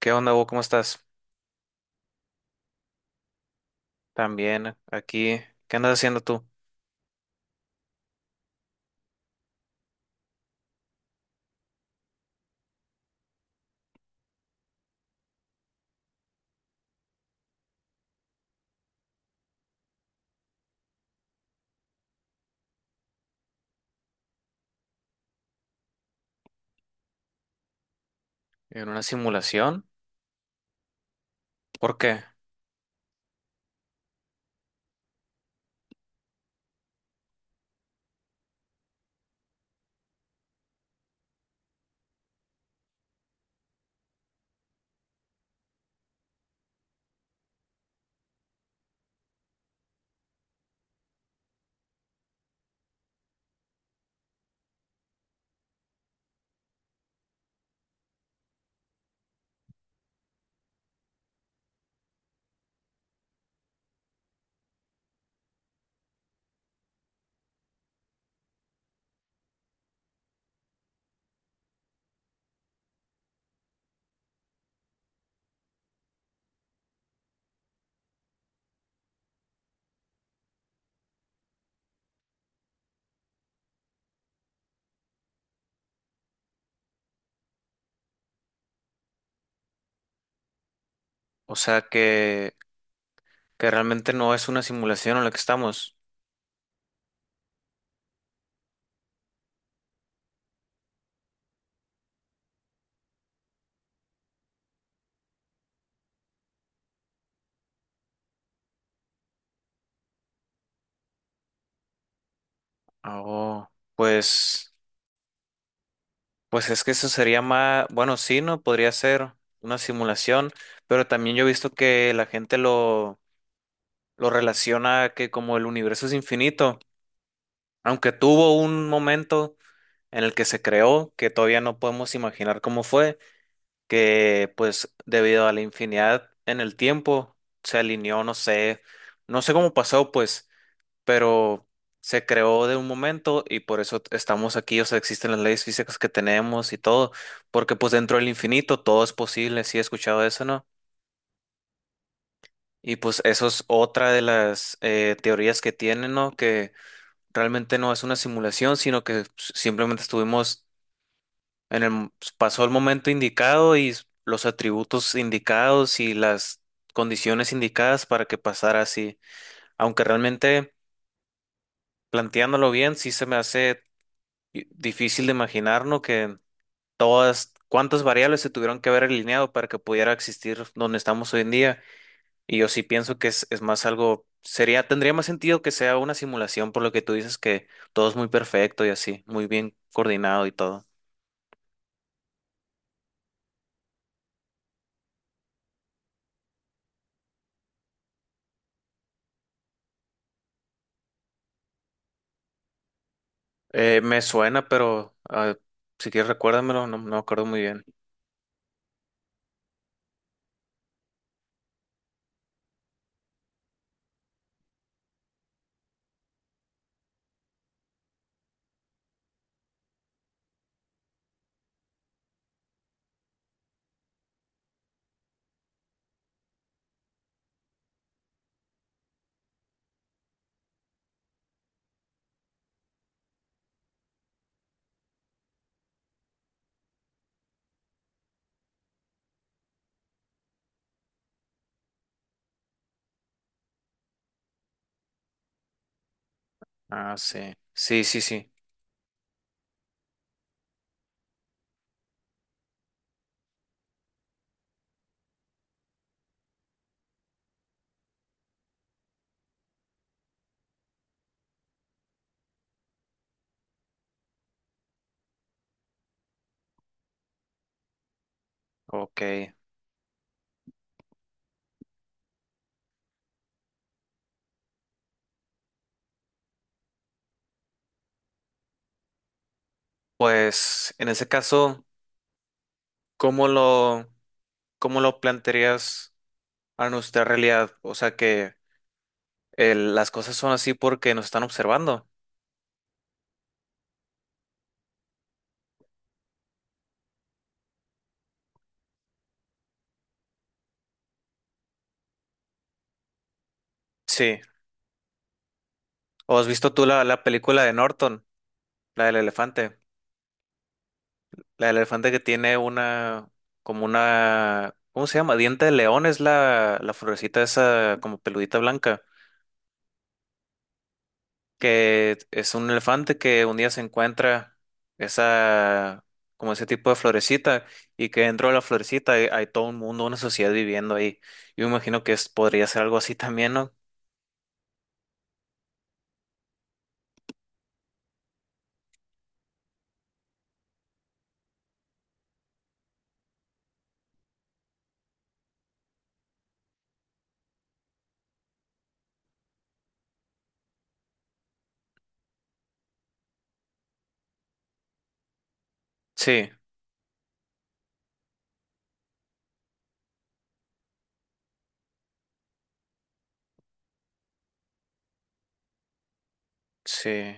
¿Qué onda, Hugo? ¿Cómo estás? También aquí. ¿Qué andas haciendo tú? ¿En una simulación? ¿Por qué? O sea, que realmente no es una simulación en la que estamos. Oh, pues, pues es que eso sería más, bueno, sí, ¿no? Podría ser una simulación, pero también yo he visto que la gente lo relaciona a que como el universo es infinito, aunque tuvo un momento en el que se creó, que todavía no podemos imaginar cómo fue que pues debido a la infinidad en el tiempo se alineó, no sé, no sé cómo pasó pues, pero se creó de un momento y por eso estamos aquí, o sea, existen las leyes físicas que tenemos y todo, porque pues dentro del infinito todo es posible, sí he escuchado eso, ¿no? Y pues eso es otra de las teorías que tienen, ¿no? Que realmente no es una simulación, sino que simplemente estuvimos en el, pasó el momento indicado y los atributos indicados y las condiciones indicadas para que pasara así. Aunque realmente, planteándolo bien, sí se me hace difícil de imaginar, ¿no? Que todas, cuántas variables se tuvieron que haber alineado para que pudiera existir donde estamos hoy en día. Y yo sí pienso que es más algo, sería, tendría más sentido que sea una simulación, por lo que tú dices que todo es muy perfecto y así, muy bien coordinado y todo. Me suena, pero ah, si quieres recuérdamelo, no, no me acuerdo muy bien. Ah, sí. Sí, sí, sí. Ok. Pues en ese caso, ¿cómo lo, ¿cómo lo plantearías a nuestra realidad? O sea que las cosas son así porque nos están observando. Sí. ¿O has visto tú la película de Norton, la del elefante? La del elefante que tiene una, como una, ¿cómo se llama? Diente de león es la florecita esa como peludita blanca, que es un elefante que un día se encuentra esa, como ese tipo de florecita y que dentro de la florecita hay, hay todo un mundo, una sociedad viviendo ahí. Yo me imagino que es, podría ser algo así también, ¿no? Sí, sí,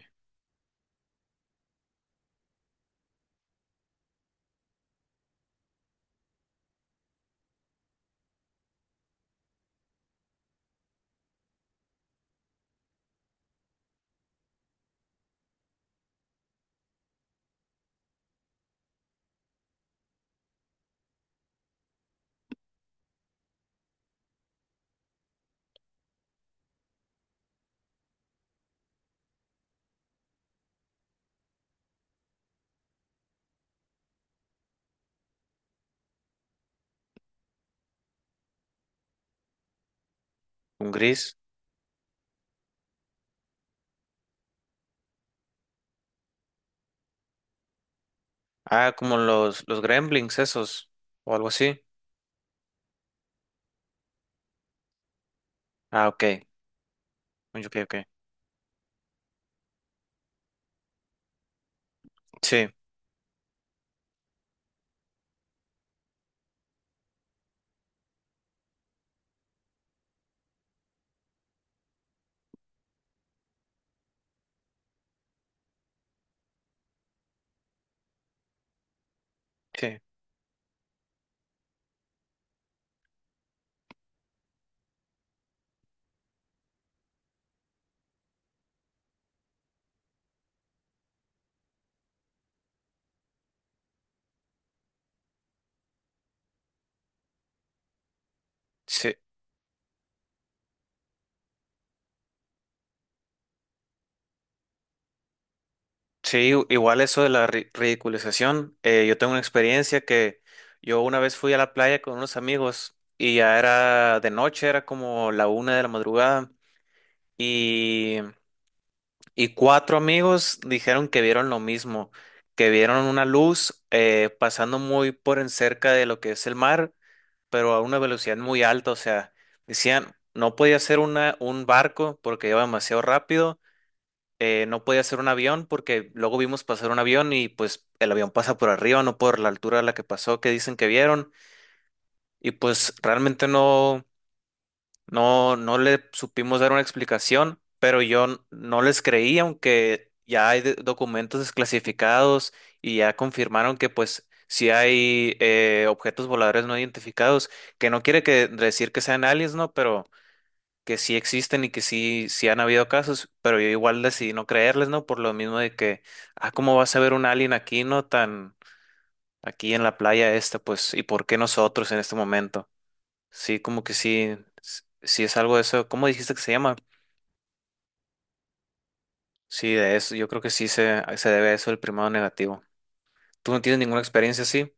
un gris. Ah, como los gremlins esos o algo así. Ah, ok, ok, ok. Sí, sí, sí. Sí, igual eso de la ridiculización. Yo tengo una experiencia que yo una vez fui a la playa con unos amigos y ya era de noche, era como la una de la madrugada y, y cuatro amigos dijeron que vieron lo mismo, que vieron una luz pasando muy por en cerca de lo que es el mar, pero a una velocidad muy alta. O sea, decían, no podía ser una, un barco porque iba demasiado rápido, no podía ser un avión porque luego vimos pasar un avión y pues el avión pasa por arriba, no por la altura a la que pasó, que dicen que vieron. Y pues realmente no, no, no le supimos dar una explicación, pero yo no les creí, aunque ya hay documentos desclasificados y ya confirmaron que pues si hay objetos voladores no identificados, que no quiere que decir que sean aliens, ¿no? Pero que sí existen y que sí, sí han habido casos, pero yo igual decidí no creerles, ¿no? Por lo mismo de que, ah, ¿cómo vas a ver un alien aquí, no? Tan aquí en la playa esta, pues, ¿y por qué nosotros en este momento? Sí, como que sí, sí es algo de eso. ¿Cómo dijiste que se llama? Sí, de eso, yo creo que sí se debe a eso el primado negativo. ¿Tú no tienes ninguna experiencia así?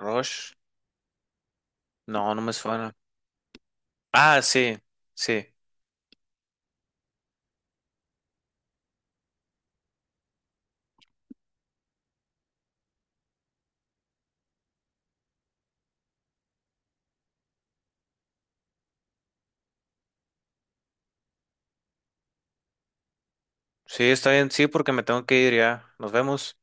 Rush, no, no me suena. Ah, sí, sí, sí, está bien, sí, porque me tengo que ir ya. Nos vemos.